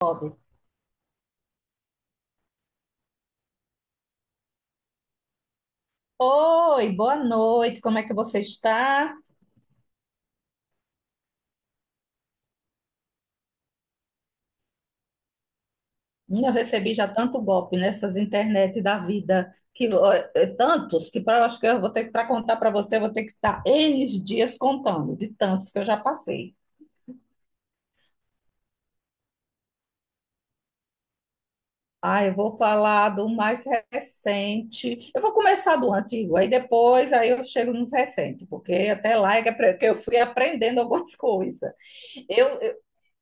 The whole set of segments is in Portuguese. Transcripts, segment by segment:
Bob. Oi, boa noite, como é que você está? Eu recebi já tanto golpe nessas internet da vida, que ó, é tantos que pra, eu acho que eu vou ter que para contar para você, eu vou ter que estar N dias contando, de tantos que eu já passei. Ah, eu vou falar do mais recente. Eu vou começar do antigo, aí depois aí eu chego nos recentes, porque até lá é que que eu fui aprendendo algumas coisas. Eu,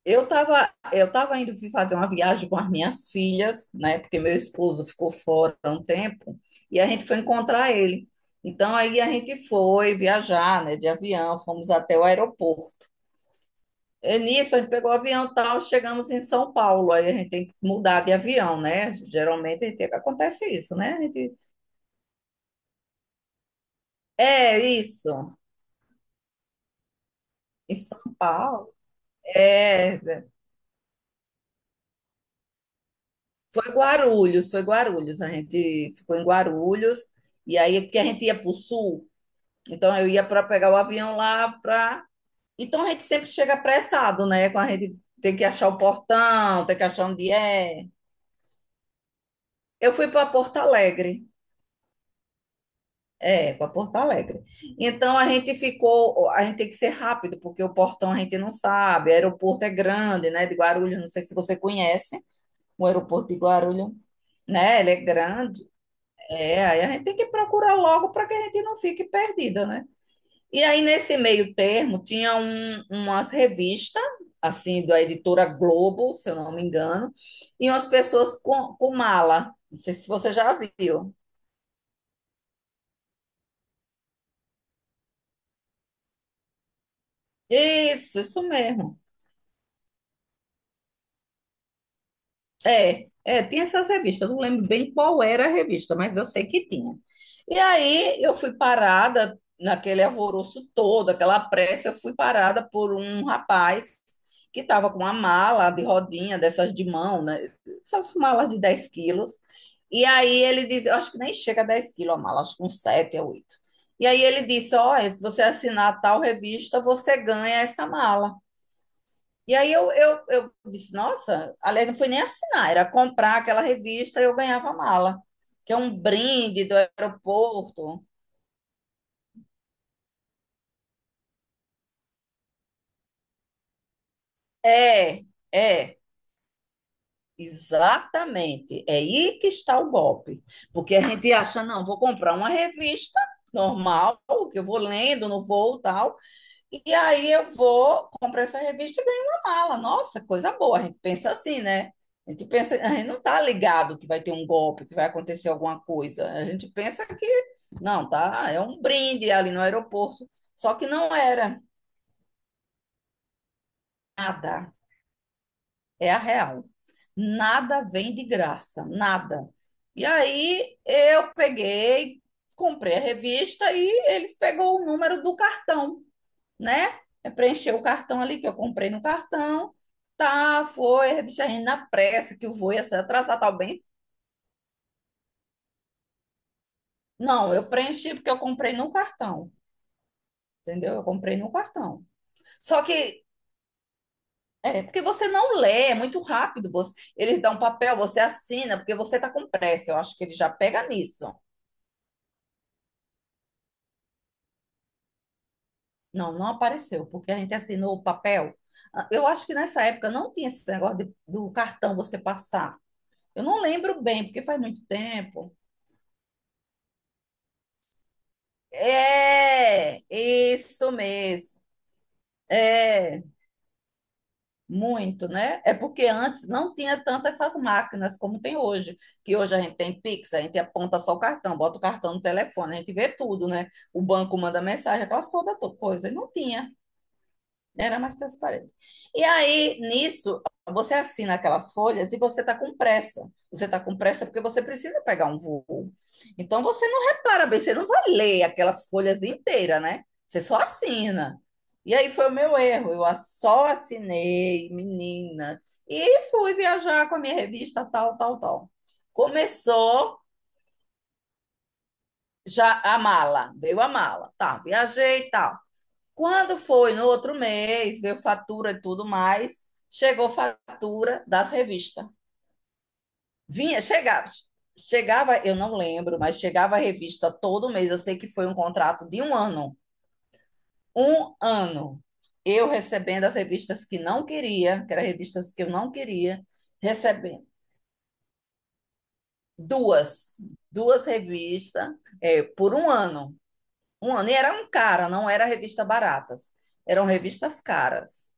eu tava indo fazer uma viagem com as minhas filhas, né? Porque meu esposo ficou fora há um tempo e a gente foi encontrar ele. Então aí a gente foi viajar, né? De avião, fomos até o aeroporto. E nisso a gente pegou o avião e tal, chegamos em São Paulo. Aí a gente tem que mudar de avião, né? Geralmente a gente, acontece isso, né? A gente, é isso. Em São Paulo, é, foi Guarulhos, foi Guarulhos. A gente ficou em Guarulhos e aí porque a gente ia para o sul. Então eu ia para pegar o avião lá para. Então a gente sempre chega apressado, né? Com a gente tem que achar o portão, tem que achar onde é. Eu fui para Porto Alegre. É, para Porto Alegre. Então a gente ficou, a gente tem que ser rápido, porque o portão a gente não sabe. O aeroporto é grande, né? De Guarulhos, não sei se você conhece o aeroporto de Guarulhos, né? Ele é grande. É, aí a gente tem que procurar logo para que a gente não fique perdida, né? E aí, nesse meio termo, tinha umas revistas, assim, da editora Globo, se eu não me engano, e umas pessoas com mala. Não sei se você já viu. Isso mesmo. É, tinha essas revistas, eu não lembro bem qual era a revista, mas eu sei que tinha. E aí eu fui parada naquele alvoroço todo, aquela pressa, eu fui parada por um rapaz que estava com uma mala de rodinha, dessas de mão, né? Essas malas de 10 quilos. E aí ele disse, eu acho que nem chega a 10 quilos a mala, acho que uns 7 a 8. E aí ele disse, olha, se você assinar tal revista, você ganha essa mala. E aí eu disse, nossa, aliás, não foi nem assinar, era comprar aquela revista e eu ganhava a mala, que é um brinde do aeroporto. É, é, exatamente. É aí que está o golpe. Porque a gente acha, não, vou comprar uma revista normal, que eu vou lendo no voo e tal. E aí eu vou, compro essa revista e ganho uma mala. Nossa, coisa boa. A gente pensa assim, né? A gente pensa, a gente não tá ligado que vai ter um golpe, que vai acontecer alguma coisa. A gente pensa que não, tá? É um brinde ali no aeroporto. Só que não era nada. É a real. Nada vem de graça, nada. E aí eu peguei, comprei a revista e eles pegou o número do cartão, né? É preencher o cartão ali que eu comprei no cartão. Tá, foi, revista Renda na pressa, que o voo ia ser atrasar tal bem. Não, eu preenchi porque eu comprei no cartão, entendeu? Eu comprei no cartão. Só que é porque você não lê, é muito rápido. Você, eles dão um papel, você assina, porque você tá com pressa. Eu acho que ele já pega nisso. Não, não apareceu, porque a gente assinou o papel. Ah, eu acho que nessa época não tinha esse negócio do cartão você passar. Eu não lembro bem, porque faz muito tempo. É, isso mesmo. É, muito, né? É porque antes não tinha tantas essas máquinas como tem hoje, que hoje a gente tem Pix, a gente aponta só o cartão, bota o cartão no telefone, a gente vê tudo, né? O banco manda mensagem, aquelas toda coisa, e não tinha. Era mais transparente. E aí, nisso, você assina aquelas folhas e você está com pressa. Você está com pressa porque você precisa pegar um voo. Então, você não repara bem, você não vai ler aquelas folhas inteiras, né? Você só assina. E aí foi o meu erro. Eu só assinei, menina. E fui viajar com a minha revista, tal, tal, tal. Começou já a mala. Veio a mala. Tá, viajei e tal. Quando foi no outro mês, veio fatura e tudo mais, chegou fatura das revistas. Vinha, chegava. Chegava, eu não lembro, mas chegava a revista todo mês. Eu sei que foi um contrato de um ano. Um ano. Eu recebendo as revistas que não queria, que eram revistas que eu não queria, recebendo duas, duas revistas, é, por um ano. Um ano. E era um cara, não era revista baratas. Eram revistas caras.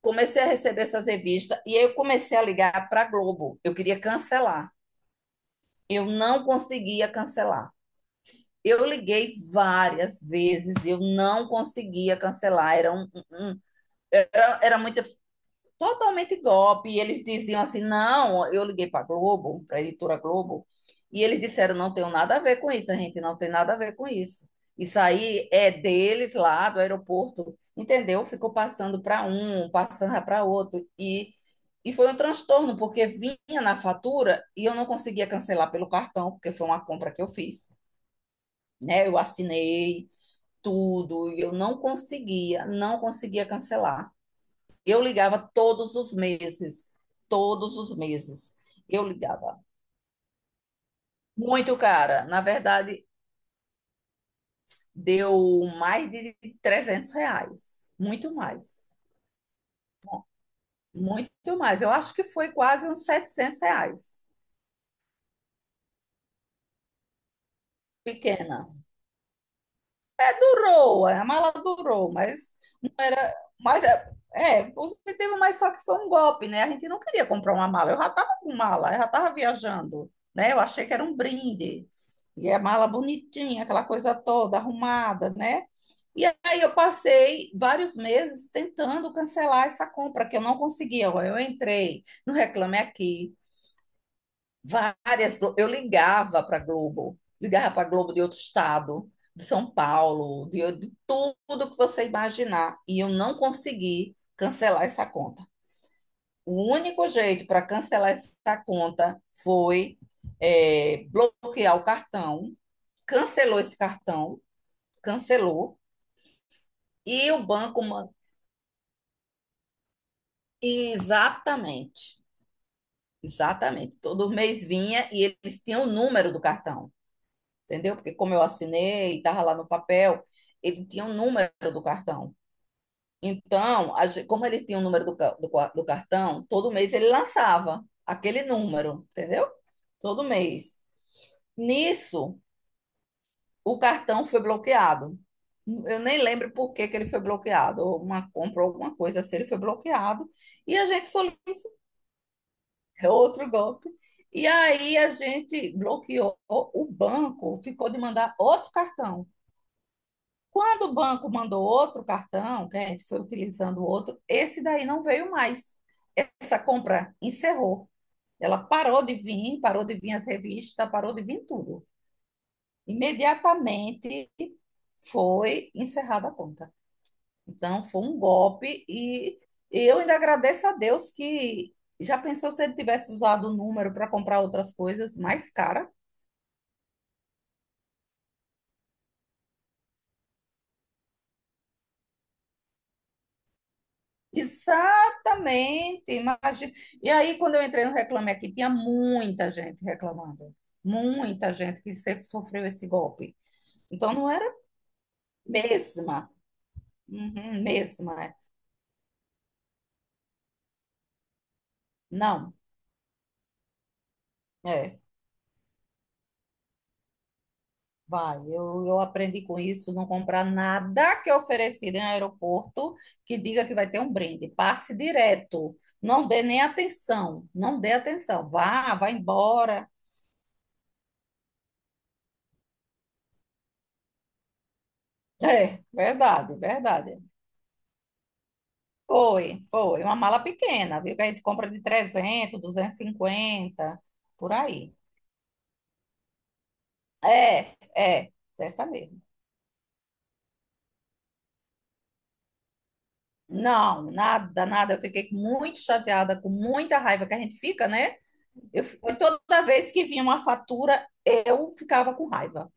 Comecei a receber essas revistas e eu comecei a ligar para a Globo. Eu queria cancelar. Eu não conseguia cancelar. Eu liguei várias vezes, eu não conseguia cancelar, era, um, era, era muita totalmente golpe. E eles diziam assim: não, eu liguei para a Globo, para a editora Globo, e eles disseram: não tem nada a ver com isso, a gente não tem nada a ver com isso. Isso aí é deles lá do aeroporto, entendeu? Ficou passando para um, passando para outro. E foi um transtorno, porque vinha na fatura e eu não conseguia cancelar pelo cartão, porque foi uma compra que eu fiz. Né? Eu assinei tudo e eu não conseguia, não conseguia cancelar. Eu ligava todos os meses, todos os meses. Eu ligava. Muito cara. Na verdade, deu mais de 300 reais. Muito mais. Muito mais. Eu acho que foi quase uns 700 reais. Pequena. Durou, a mala durou, mas não era. Mas é, é positivo, mas só que foi um golpe, né? A gente não queria comprar uma mala. Eu já estava com mala, eu já estava viajando, né? Eu achei que era um brinde. E a mala bonitinha, aquela coisa toda arrumada, né? E aí eu passei vários meses tentando cancelar essa compra, que eu não conseguia. Eu entrei no Reclame Aqui. Várias. Eu ligava para Globo de outro estado, de São Paulo, de tudo que você imaginar. E eu não consegui cancelar essa conta. O único jeito para cancelar essa conta foi, é, bloquear o cartão. Cancelou esse cartão, cancelou. E o banco. Exatamente, exatamente. Todo mês vinha e eles tinham o número do cartão. Entendeu? Porque como eu assinei, estava lá no papel, ele tinha um número do cartão. Então, a como ele tinha o número do cartão, todo mês ele lançava aquele número, entendeu? Todo mês. Nisso, o cartão foi bloqueado. Eu nem lembro por que que ele foi bloqueado, ou uma compra, ou alguma coisa assim, ele foi bloqueado. E a gente solicitou outro golpe. E aí a gente bloqueou o banco, ficou de mandar outro cartão. Quando o banco mandou outro cartão, né, que a gente foi utilizando outro, esse daí não veio mais. Essa compra encerrou. Ela parou de vir as revistas, parou de vir tudo. Imediatamente foi encerrada a conta. Então foi um golpe e eu ainda agradeço a Deus que já pensou se ele tivesse usado o número para comprar outras coisas mais caras? Exatamente, imagina. E aí, quando eu entrei no Reclame Aqui, tinha muita gente reclamando, muita gente que sofreu esse golpe. Então, não era mesma, uhum, mesma, é. Não, é, vai, eu aprendi com isso, não comprar nada que é oferecido em aeroporto que diga que vai ter um brinde, passe direto, não dê nem atenção, não dê atenção, vá, vá embora. É, verdade, verdade. Foi, foi. Uma mala pequena, viu? Que a gente compra de 300, 250 por aí. É, dessa mesmo. Não, nada, nada. Eu fiquei muito chateada, com muita raiva que a gente fica, né? Eu, toda vez que vinha uma fatura, eu ficava com raiva.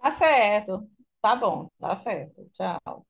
Tá certo, tá bom, tá certo. Tchau.